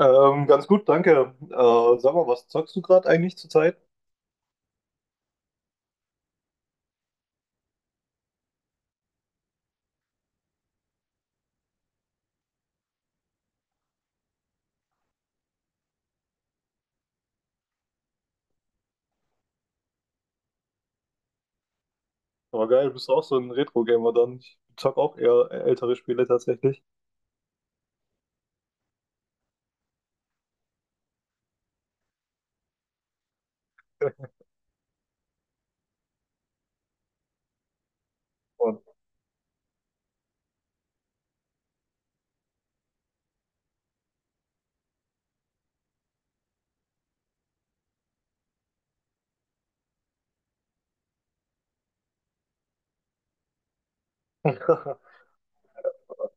Ganz gut, danke. Sag mal, was zockst du gerade eigentlich zurzeit? Aber geil, bist du auch so ein Retro-Gamer dann. Ich zock auch eher ältere Spiele tatsächlich. Und-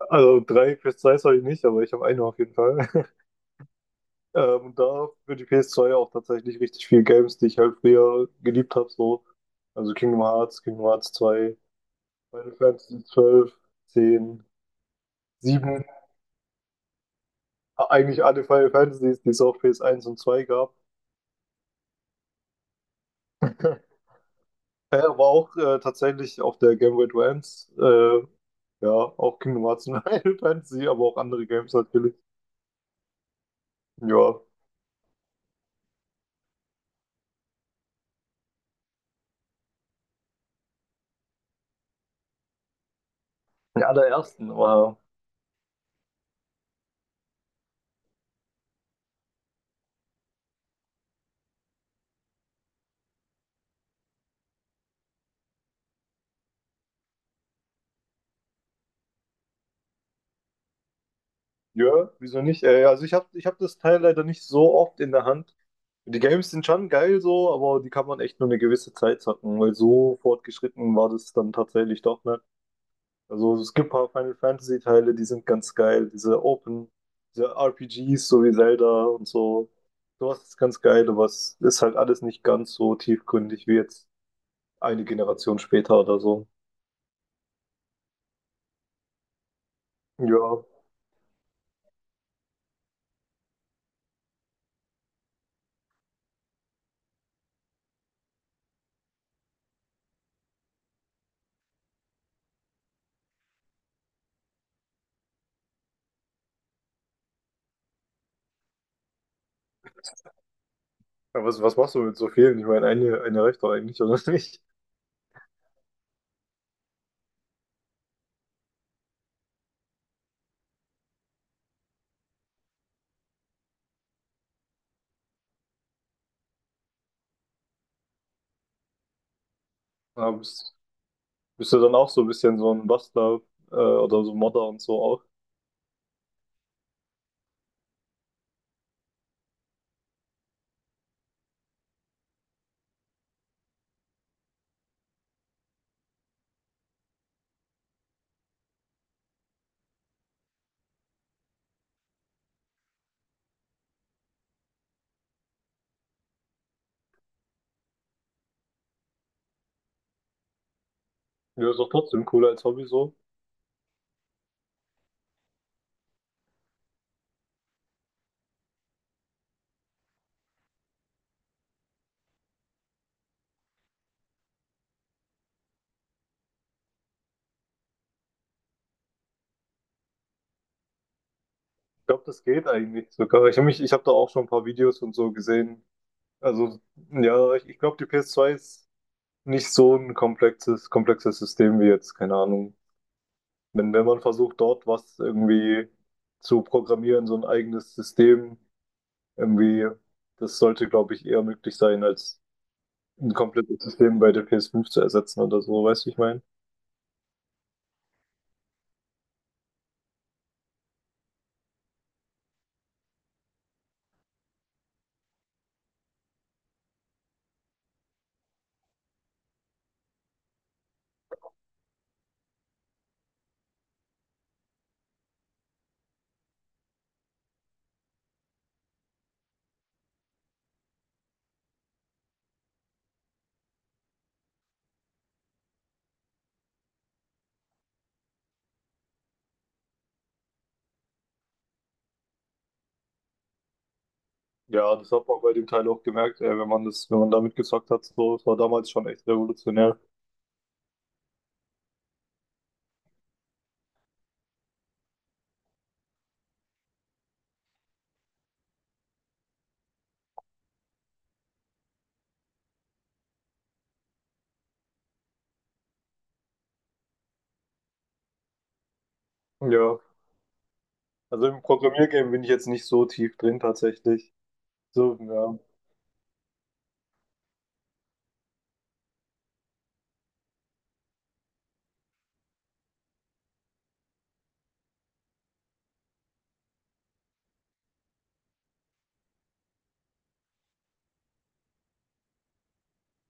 Also drei PS2s habe ich nicht, aber ich habe eine auf jeden Fall. Und da für die PS2 auch tatsächlich richtig viel Games, die ich halt früher geliebt habe, so. Also Kingdom Hearts, Kingdom Hearts zwei, Final Fantasy zwölf, zehn, sieben. Eigentlich alle Final Fantasies, die es auf ps eins und 2 gab. Er war auch tatsächlich auf der Game Boy Advance. Ja, auch Kingdom Hearts und Final Fantasy, aber auch andere Games natürlich. Ja, die allerersten. Aber ja, wieso nicht? Also ich hab das Teil leider nicht so oft in der Hand. Die Games sind schon geil so, aber die kann man echt nur eine gewisse Zeit zocken, weil so fortgeschritten war das dann tatsächlich doch nicht. Also es gibt ein paar Final Fantasy Teile, die sind ganz geil. Diese RPGs, so wie Zelda und so. Sowas ist ganz geil, aber es ist halt alles nicht ganz so tiefgründig wie jetzt eine Generation später oder so. Ja. Aber was machst du mit so vielen? Ich meine, eine reicht doch eigentlich, oder nicht? Aber bist, bist du dann auch so ein bisschen so ein Bastler oder so Modder und so auch? Ja, ist doch trotzdem cooler als Hobby so. Ich glaube, das geht eigentlich sogar. Ich habe da auch schon ein paar Videos und so gesehen. Also, ja, ich glaube, die ps zwei ist nicht so ein komplexes System wie jetzt, keine Ahnung. Wenn man versucht, dort was irgendwie zu programmieren, so ein eigenes System, irgendwie, das sollte, glaube ich, eher möglich sein, als ein komplettes System bei der ps fünf zu ersetzen oder so, weißt du, wie ich meine? Ja, das hat man bei dem Teil auch gemerkt, ey, wenn man damit gezockt hat, so, das war damals schon echt revolutionär. Ja, also im Programmiergame bin ich jetzt nicht so tief drin tatsächlich. So, ja,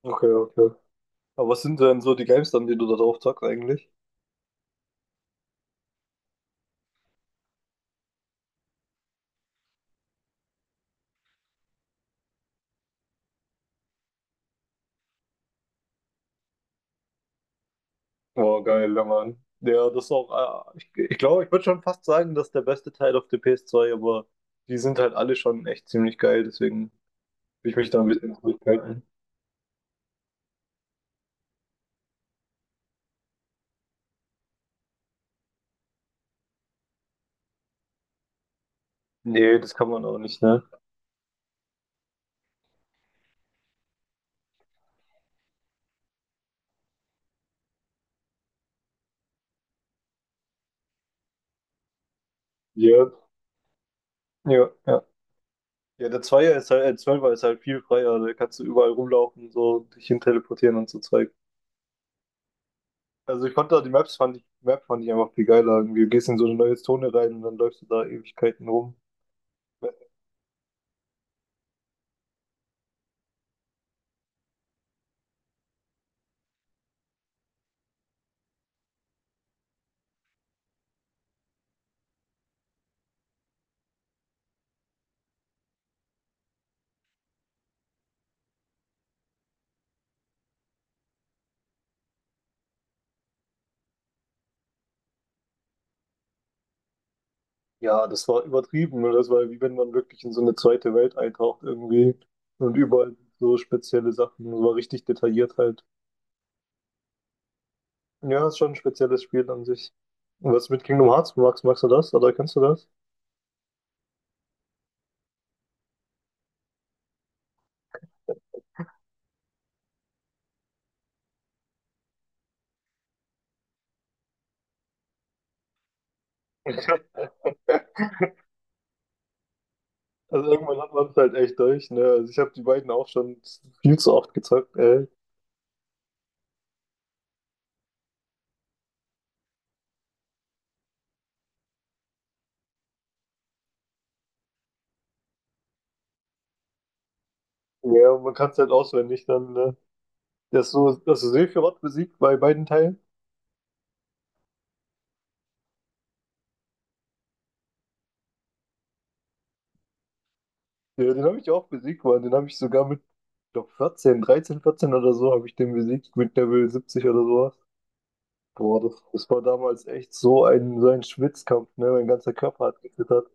okay, okay. Aber was sind denn so die Games dann, die du da drauf zockst eigentlich? Oh, geil, ja, Mann. Ja, das ist auch, ich glaube, ich würde schon fast sagen, das ist der beste Teil auf der PS2, aber die sind halt alle schon echt ziemlich geil, deswegen will ich mich da ein bisschen zurückhalten. Nee, das kann man auch nicht, ne? Ja, ja, ja. Ja, der Zweier ist halt, Zwölfer ist halt viel freier, da kannst du überall rumlaufen, so dich hin teleportieren und so Zeug. Also ich konnte da die Maps fand ich, Map fand ich einfach viel geiler. Irgendwie. Du gehst in so eine neue Zone rein und dann läufst du da Ewigkeiten rum. Ja, das war übertrieben, ne? Das war wie wenn man wirklich in so eine zweite Welt eintaucht irgendwie und überall so spezielle Sachen. Das war richtig detailliert halt. Ja, ist schon ein spezielles Spiel an sich. Und was mit Kingdom Hearts magst du das? Oder kennst du das? Also irgendwann hat man es halt echt durch, ne? Also ich habe die beiden auch schon viel zu oft gezockt, ey. Ja, und man kann es halt auswendig dann, ne? Das so, das Sephiroth besiegt bei beiden Teilen. Ja, den habe ich auch besiegt, Mann. Den habe ich sogar mit, ich glaube, 14, 13, 14 oder so habe ich den besiegt mit Level 70 oder sowas. Boah, das war damals echt so ein Schwitzkampf, ne? Mein ganzer Körper hat gezittert.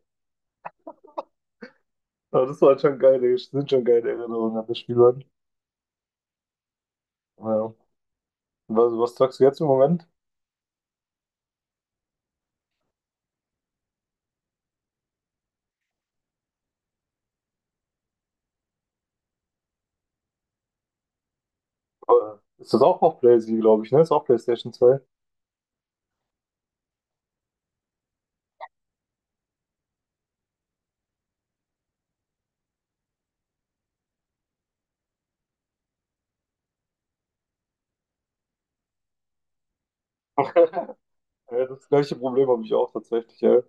Aber das waren sind schon geile Erinnerungen an das Spiel, Mann. Ja. Was sagst du jetzt im Moment? Äh, Ist das auch auf PlayStation, glaube ich, ne? Ist auch PlayStation zwei. Ja, das gleiche Problem habe ich auch tatsächlich, ja.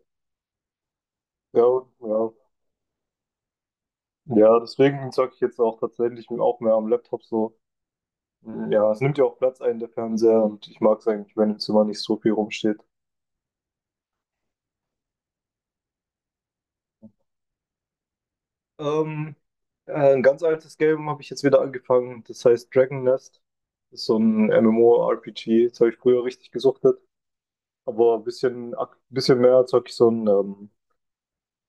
Ja, ja. Ja, deswegen zocke ich jetzt auch tatsächlich auch mehr am Laptop so. Ja, es nimmt ja auch Platz ein, der Fernseher, und ich mag es eigentlich, wenn im Zimmer nicht so viel rumsteht. Ähm, ein ganz altes Game habe ich jetzt wieder angefangen, das heißt Dragon Nest. Das ist so ein MMORPG, das habe ich früher richtig gesuchtet, aber ein bisschen mehr zocke ich so ein ähm,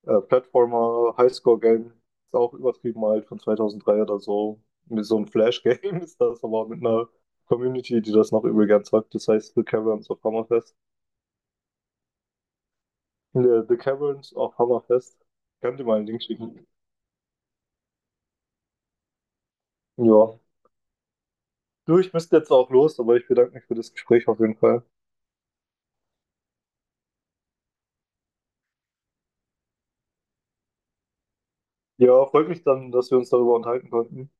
äh, Platformer Highscore-Game, ist auch übertrieben alt, von 2003 oder so. Mit so einem Flash-Game ist das, aber mit einer Community, die das noch übel gern zockt, das heißt The Caverns of Hammerfest. The Caverns of Hammerfest. Könnt ihr mal einen Link schicken? Ja. Du, ich müsste jetzt auch los, aber ich bedanke mich für das Gespräch auf jeden Fall. Ja, freut mich dann, dass wir uns darüber unterhalten konnten.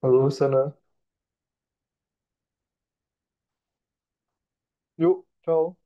Also bis dann, ne? Jo, ciao.